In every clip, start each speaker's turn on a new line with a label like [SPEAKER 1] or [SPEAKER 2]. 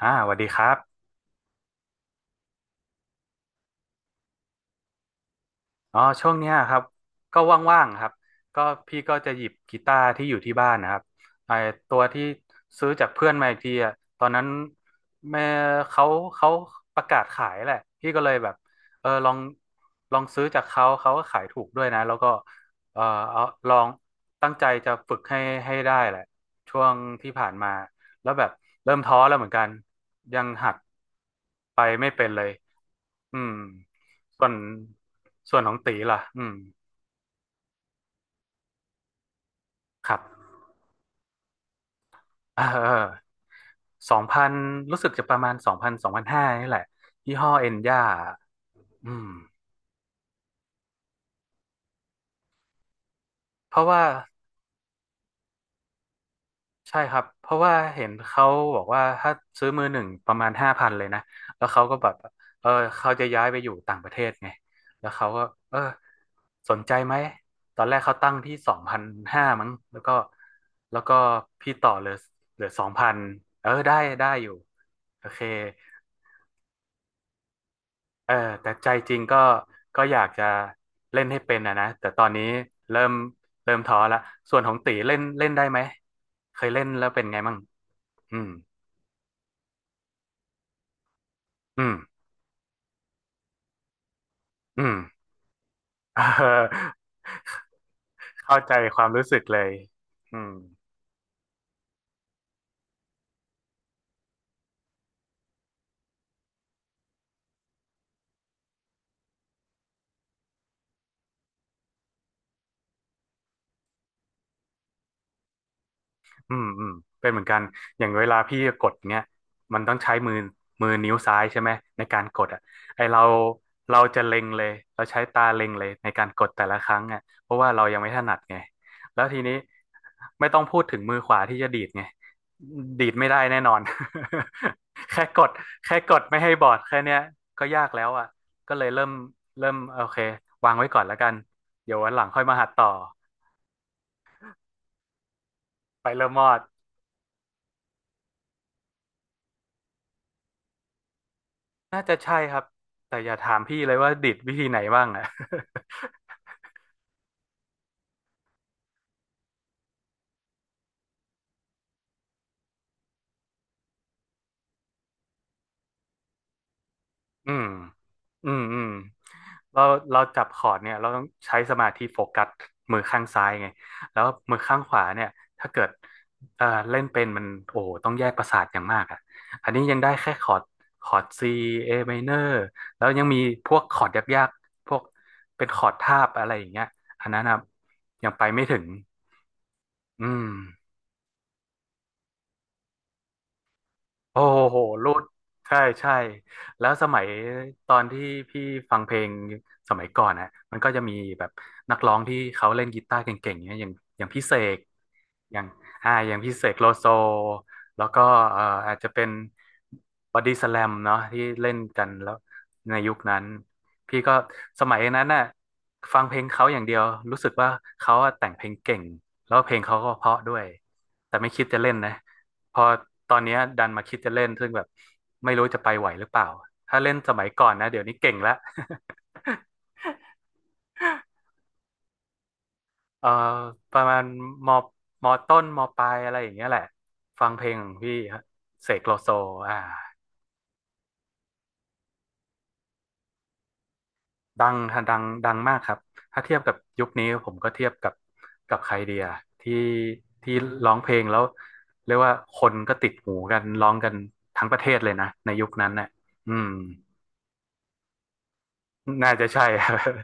[SPEAKER 1] สวัสดีครับอ๋อช่วงเนี้ยครับ ก็ว่างๆครับก็พี่ก็จะหยิบกีตาร์ที่อยู่ที่บ้านนะครับไอตัวที่ซื้อจากเพื่อนมาอีกทีอ่ะตอนนั้นแม่เขาเขาประกาศขายแหละพี่ก็เลยแบบเออลองลองซื้อจากเขาก็ขายถูกด้วยนะแล้วก็เออเอาลองตั้งใจจะฝึกให้ได้แหละช่วงที่ผ่านมาแล้วแบบเริ่มท้อแล้วเหมือนกันยังหัดไปไม่เป็นเลย อืมส่วนส่วนของตีล่ะอืมครับเออสองพันรู้สึกจะประมาณสองพันสองพันห้านี่แหละยี่ห้อเอ็นย่าอืมเพราะว่า ใช่ครับเพราะว่าเห็นเขาบอกว่าถ้าซื้อมือหนึ่งประมาณ5,000เลยนะแล้วเขาก็แบบเออเขาจะย้ายไปอยู่ต่างประเทศไงแล้วเขาก็เออสนใจไหมตอนแรกเขาตั้งที่สองพันห้ามั้งแล้วก็แล้วก็พี่ต่อเหลือสองพันได้ได้อยู่โอเคเออแต่ใจจริงก็อยากจะเล่นให้เป็นอะนะแต่ตอนนี้เริ่มเริ่มท้อละส่วนของตีเล่นเล่นได้ไหมเคยเล่นแล้วเป็นไงมั่งอืมอืม อืม เข้าใจความรู้สึกเลยอืม อืมอืมเป็นเหมือนกันอย่างเวลาพี่กดเนี้ยมันต้องใช้มือนิ้วซ้ายใช่ไหมในการกดอ่ะไอเราเราจะเล็งเลยเราใช้ตาเล็งเลยในการกดแต่ละครั้งอ่ะเพราะว่าเรายังไม่ถนัดไงแล้วทีนี้ไม่ต้องพูดถึงมือขวาที่จะดีดไงดีดไม่ได้แน่นอน แค่กดแค่กดไม่ให้บอดแค่เนี้ยก็ยากแล้วอ่ะก็เลยเริ่มโอเควางไว้ก่อนแล้วกันเดี๋ยววันหลังค่อยมาหัดต่อไปเริ่มมอด น่าจะใช่ครับแต่อย่าถามพี่เลยว่าดิดวิธีไหนบ้างอ่ะ อืมอืมอืมเราเราจับคอร์ดเนี่ยเราต้องใช้สมาธิโฟกัสมือข้างซ้ายไงแล้วมือข้างขวาเนี่ยถ้าเกิดเล่นเป็นมันโอ้โหต้องแยกประสาทอย่างมากอ่ะอันนี้ยังได้แค่คอร์ดคอร์ด C A minor แล้วยังมีพวกคอร์ดยากๆพวกเป็นคอร์ดทาบอะไรอย่างเงี้ยอันนั้นนะยังไปไม่ถึงอืม โอ้โหรูดใช่ใช่แล้วสมัยตอนที่พี่ฟังเพลงสมัยก่อนฮะมันก็จะมีแบบนักร้องที่เขาเล่นกีตาร์เก่งๆเนี่ยอย่างอย่างพี่เสกอย่างอ่าอย่างพี่เสกโลโซแล้วก็เอ่ออาจจะเป็นบอดี้สแลมเนาะที่เล่นกันแล้วในยุคนั้นพี่ก็สมัยนั้นน่ะฟังเพลงเขาอย่างเดียวรู้สึกว่าเขาอะแต่งเพลงเก่งแล้วเพลงเขาก็เพราะด้วยแต่ไม่คิดจะเล่นนะ พอตอนเนี้ยดันมาคิดจะเล่นซึ่งแบบไม่รู้จะไปไหวหรือเปล่า ถ้าเล่นสมัยก่อนนะเดี๋ยวนี้เก่งแล้ว เอ่อประมาณมมต้นมปลายอะไรอย่างเงี้ยแหละ ฟังเพลงของพี่ฮะเสกโลโซอ่าดังดังมากครับ ถ้าเทียบกับยุคนี้ผมก็เทียบกับใครเดียที่ที่ร้องเพลงแล้วเรียกว่าคนก็ติดหูกันร้องกันทั้งประเทศเลยนะในยุคนั้นน่ะอืม น่าจะใช่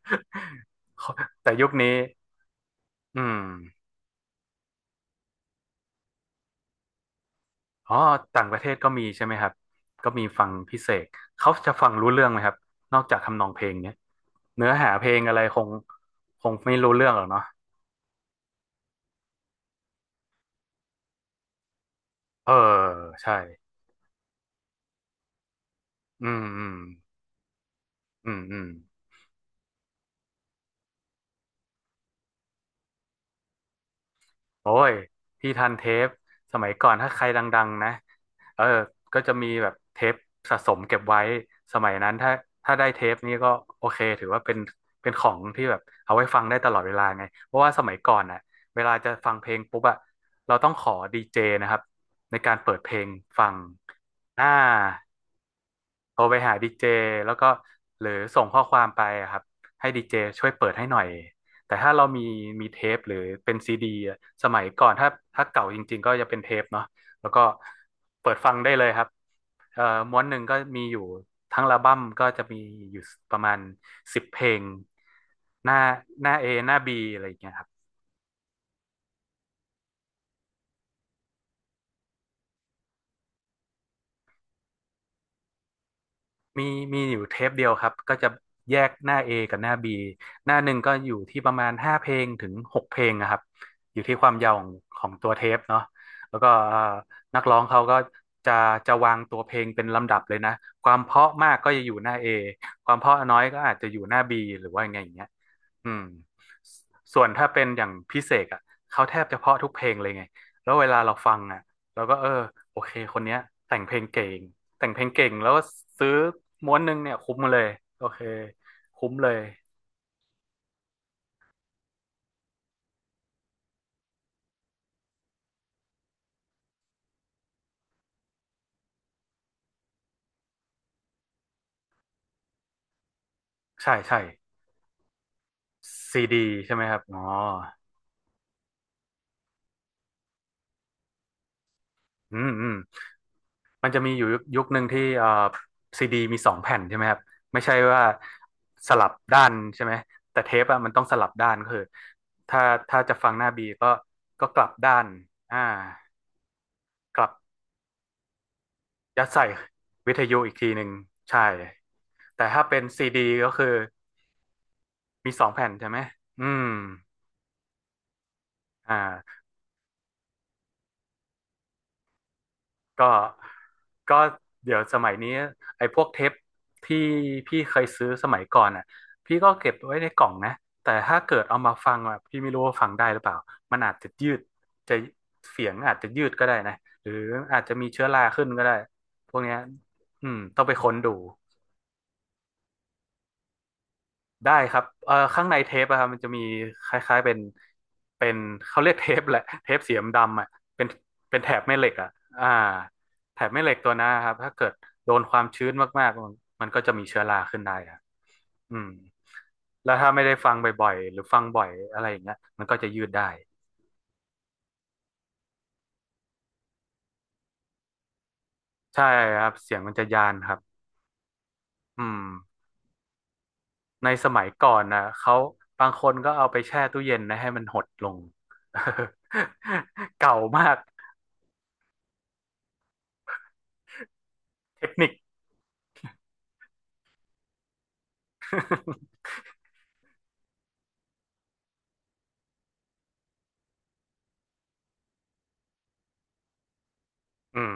[SPEAKER 1] แต่ยุคนี้อืมอ๋อต่างประเทศก็มีใช่ไหมครับก็มีฟังพิเศษเขาจะฟังรู้เรื่องไหมครับนอกจากทำนองเพลงเนี้ยเนื้อหาเพลงอะไรคงไม่รู้เรื่องหรอกเนาะเออใช่อืมอืมอืมอืม โอ้ยพี่ทันเทปสมัยก่อนถ้าใครดังๆนะเออก็จะมีแบบเทปสะสมเก็บไว้สมัยนั้นถ้าได้เทปนี้ก็โอเคถือว่าเป็นของที่แบบเอาไว้ฟังได้ตลอดเวลาไงเพราะว่าสมัยก่อนอ่ะเวลาจะฟังเพลงปุ๊บอะเราต้องขอดีเจนะครับในการเปิดเพลงฟังอ่า โทรไปหาดีเจแล้วก็หรือส่งข้อความไปอะครับให้ดีเจช่วยเปิดให้หน่อยแต่ถ้าเรามีเทปหรือเป็นซีดีอะสมัยก่อนถ้าเก่าจริงๆก็จะเป็นเทปเนาะแล้วก็เปิดฟังได้เลยครับเอ่อม้วนหนึ่งก็มีอยู่ทั้งอัลบั้มก็จะมีอยู่ประมาณ10 เพลงหน้าหน้า A หน้า B อะไรอย่างเงี้ยครับ มีมีอยู่เทปเดียวครับก็จะแยกหน้า A กับหน้า B หน้าหนึ่งก็อยู่ที่ประมาณ5 เพลงถึง6 เพลงนะครับอยู่ที่ความยาวของตัวเทปเนาะแล้วก็นักร้องเขาก็จะวางตัวเพลงเป็นลำดับเลยนะความเพราะมากก็จะอยู่หน้า A ความเพราะน้อยก็อาจจะอยู่หน้า B หรือว่าไงอย่างเงี้ยอืมส่วนถ้าเป็นอย่างพิเศษอ่ะเขาแทบจะเพราะทุกเพลงเลยไงแล้วเวลาเราฟังอ่ะเราก็เออโอเคคนเนี้ยแต่งเพลงเก่ง แต่งเพลงเก่งแล้วก็ซื้อม้วนหนึงเนี่ยคุ้มมาเลยโอเคคุ้มเลยใช่ใช่ซีดีใช่ไหมครับอ๋ออืมอืมมันจะมีอยู่ยุคหนึ่งที่ซีดีมีสองแผ่นใช่ไหมครับไม่ใช่ว่าสลับด้านใช่ไหมแต่เทปอะมันต้องสลับด้านก็คือถ้าถ้าจะฟังหน้าบีก็กลับด้านอ่ากลับยัดใส่วิทยุอีกทีหนึ่งใช่แต่ถ้าเป็นซีดีก็คือมีสองแผ่นใช่ไหมอืมอ่า ก็ก็เดี๋ยวสมัยนี้ไอ้พวกเทปที่พี่เคยซื้อสมัยก่อนอ่ะพี่ก็เก็บไว้ในกล่องนะแต่ถ้าเกิดเอามาฟังอ่ะพี่ไม่รู้ว่าฟังได้หรือเปล่ามันอาจจะยืดจะเสียงอาจจะยืดก็ได้นะหรืออาจจะมีเชื้อราขึ้นก็ได้พวกเนี้ยอืมต้องไปค้นดู ได้ครับข้างในเทปอะครับมันจะมีคล้ายๆเป็นเป็นเขาเรียกเทปแหละ เทปสีดำๆอะเป็นแถบแม่เหล็กอะอ่าแถบแม่เหล็กตัวนั้นนะครับถ้าเกิดโดนความชื้นมากๆมันก็จะมีเชื้อราขึ้นได้ครับอืมแล้วถ้าไม่ได้ฟังบ่อยๆหรือฟังบ่อยอะไรอย่างเงี้ยมันก็จะยืดได้ใช่ครับเสียงมันจะยานครับอืมในสมัยก่อนนะเขาบางคนก็เอาไปแช่ตู้เย็นนะให้มันหดลง เก่ามากเทคนิค อืม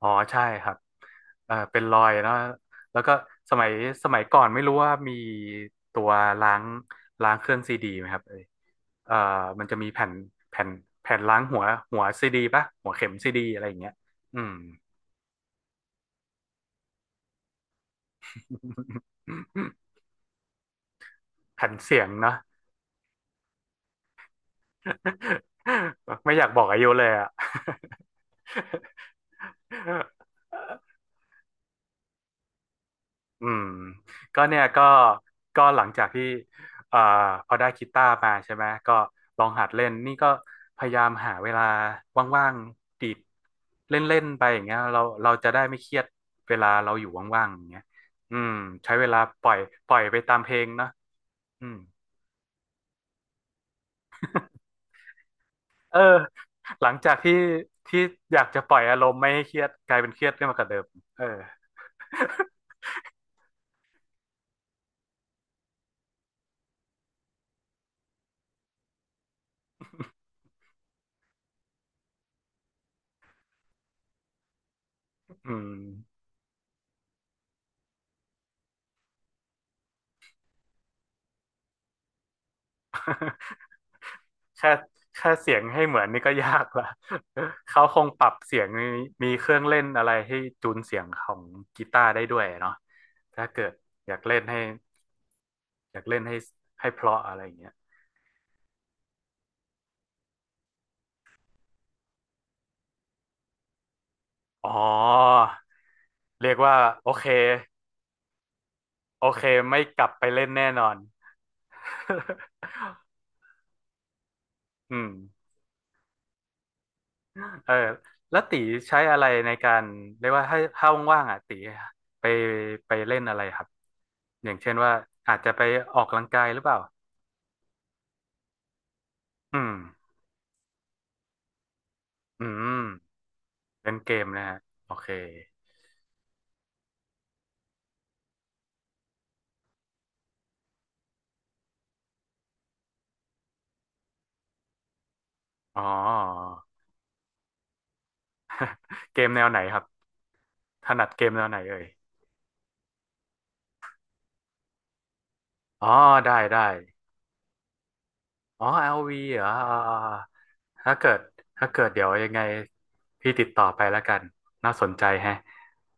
[SPEAKER 1] อ๋อใช่ครับเป็นรอยเนอะแล้วก็สมัยสมัยก่อนไม่รู้ว่ามีตัวล้างล้างเครื่องซีดีไหมครับเอยเอ่อมันจะมีแผ่นแผ่นแผ่นล้างหัวหัวซีดีป่ะหัวเข็มซีดีอะไรอย่างเงี้ยอืม แผ่นเสียงเนาะ ไม่อยากบอกอายุเลยอ่ะ เอ อืมก็เนี่ยก็หลังจากที่เอ่อพอได้กีตาร์มาใช่ไหมก็ลองหัดเล่นนี่ก็พยายามหาเวลาว่างๆดีดเล่นๆไปอย่างเงี้ยเราจะได้ไม่เครียดเวลาเราอยู่ว่างๆอย่างเงี้ยอืมใช้เวลาปล่อยปล่อยไปตามเพลงเนาะอืมเออหลังจากที่อยากจะปล่อยอารมณ์ไม่ให้เครียดกลายเป็นเครียดขึ้นมากับเดิมเออ อืม แค่แค่เสียงให้เหมือนนี่ก็ยากละ เขาคงปรับเสียงมีมีเครื่องเล่นอะไรให้จูนเสียงของกีตาร์ได้ด้วยเนาะถ้าเกิดอยากเล่นให้อยากเล่นให้ให้เพราะอะไรอย่างเงี้ยอ๋อเรียกว่าโอเคโอเคไม่กลับไปเล่นแน่นอน อืมเออแล้วตีใช้อะไรในการเรียกว่าถ้าว่างๆอ่ะตีไปไปเล่นอะไรครับอย่างเช่นว่าอาจจะไปออกกำลังกายหรือเปล่า อืมอืมเล่นเกมนะฮะโอเคอ๋อเกมแนวไหนครับถนัดเกมแนวไหนเอ่ยอ๋อได้ได้อ๋อ LV เหรออ่าๆถ้าเกิดถ้าเกิดเดี๋ยวยังไงพี่ติดต่อไปแล้วกันน่าสนใจแฮะ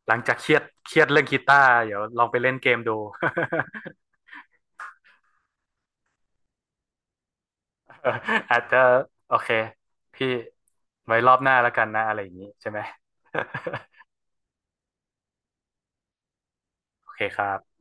[SPEAKER 1] หลังจากเครียดเรื่องกีตาร์เดี๋ยวลองไปเล่นเกมดู อาจจะโอเคพี่ไว้รอบหน้าแล้วกันนะอะไรอย่างนี้ใช่ไหม โอเคครับ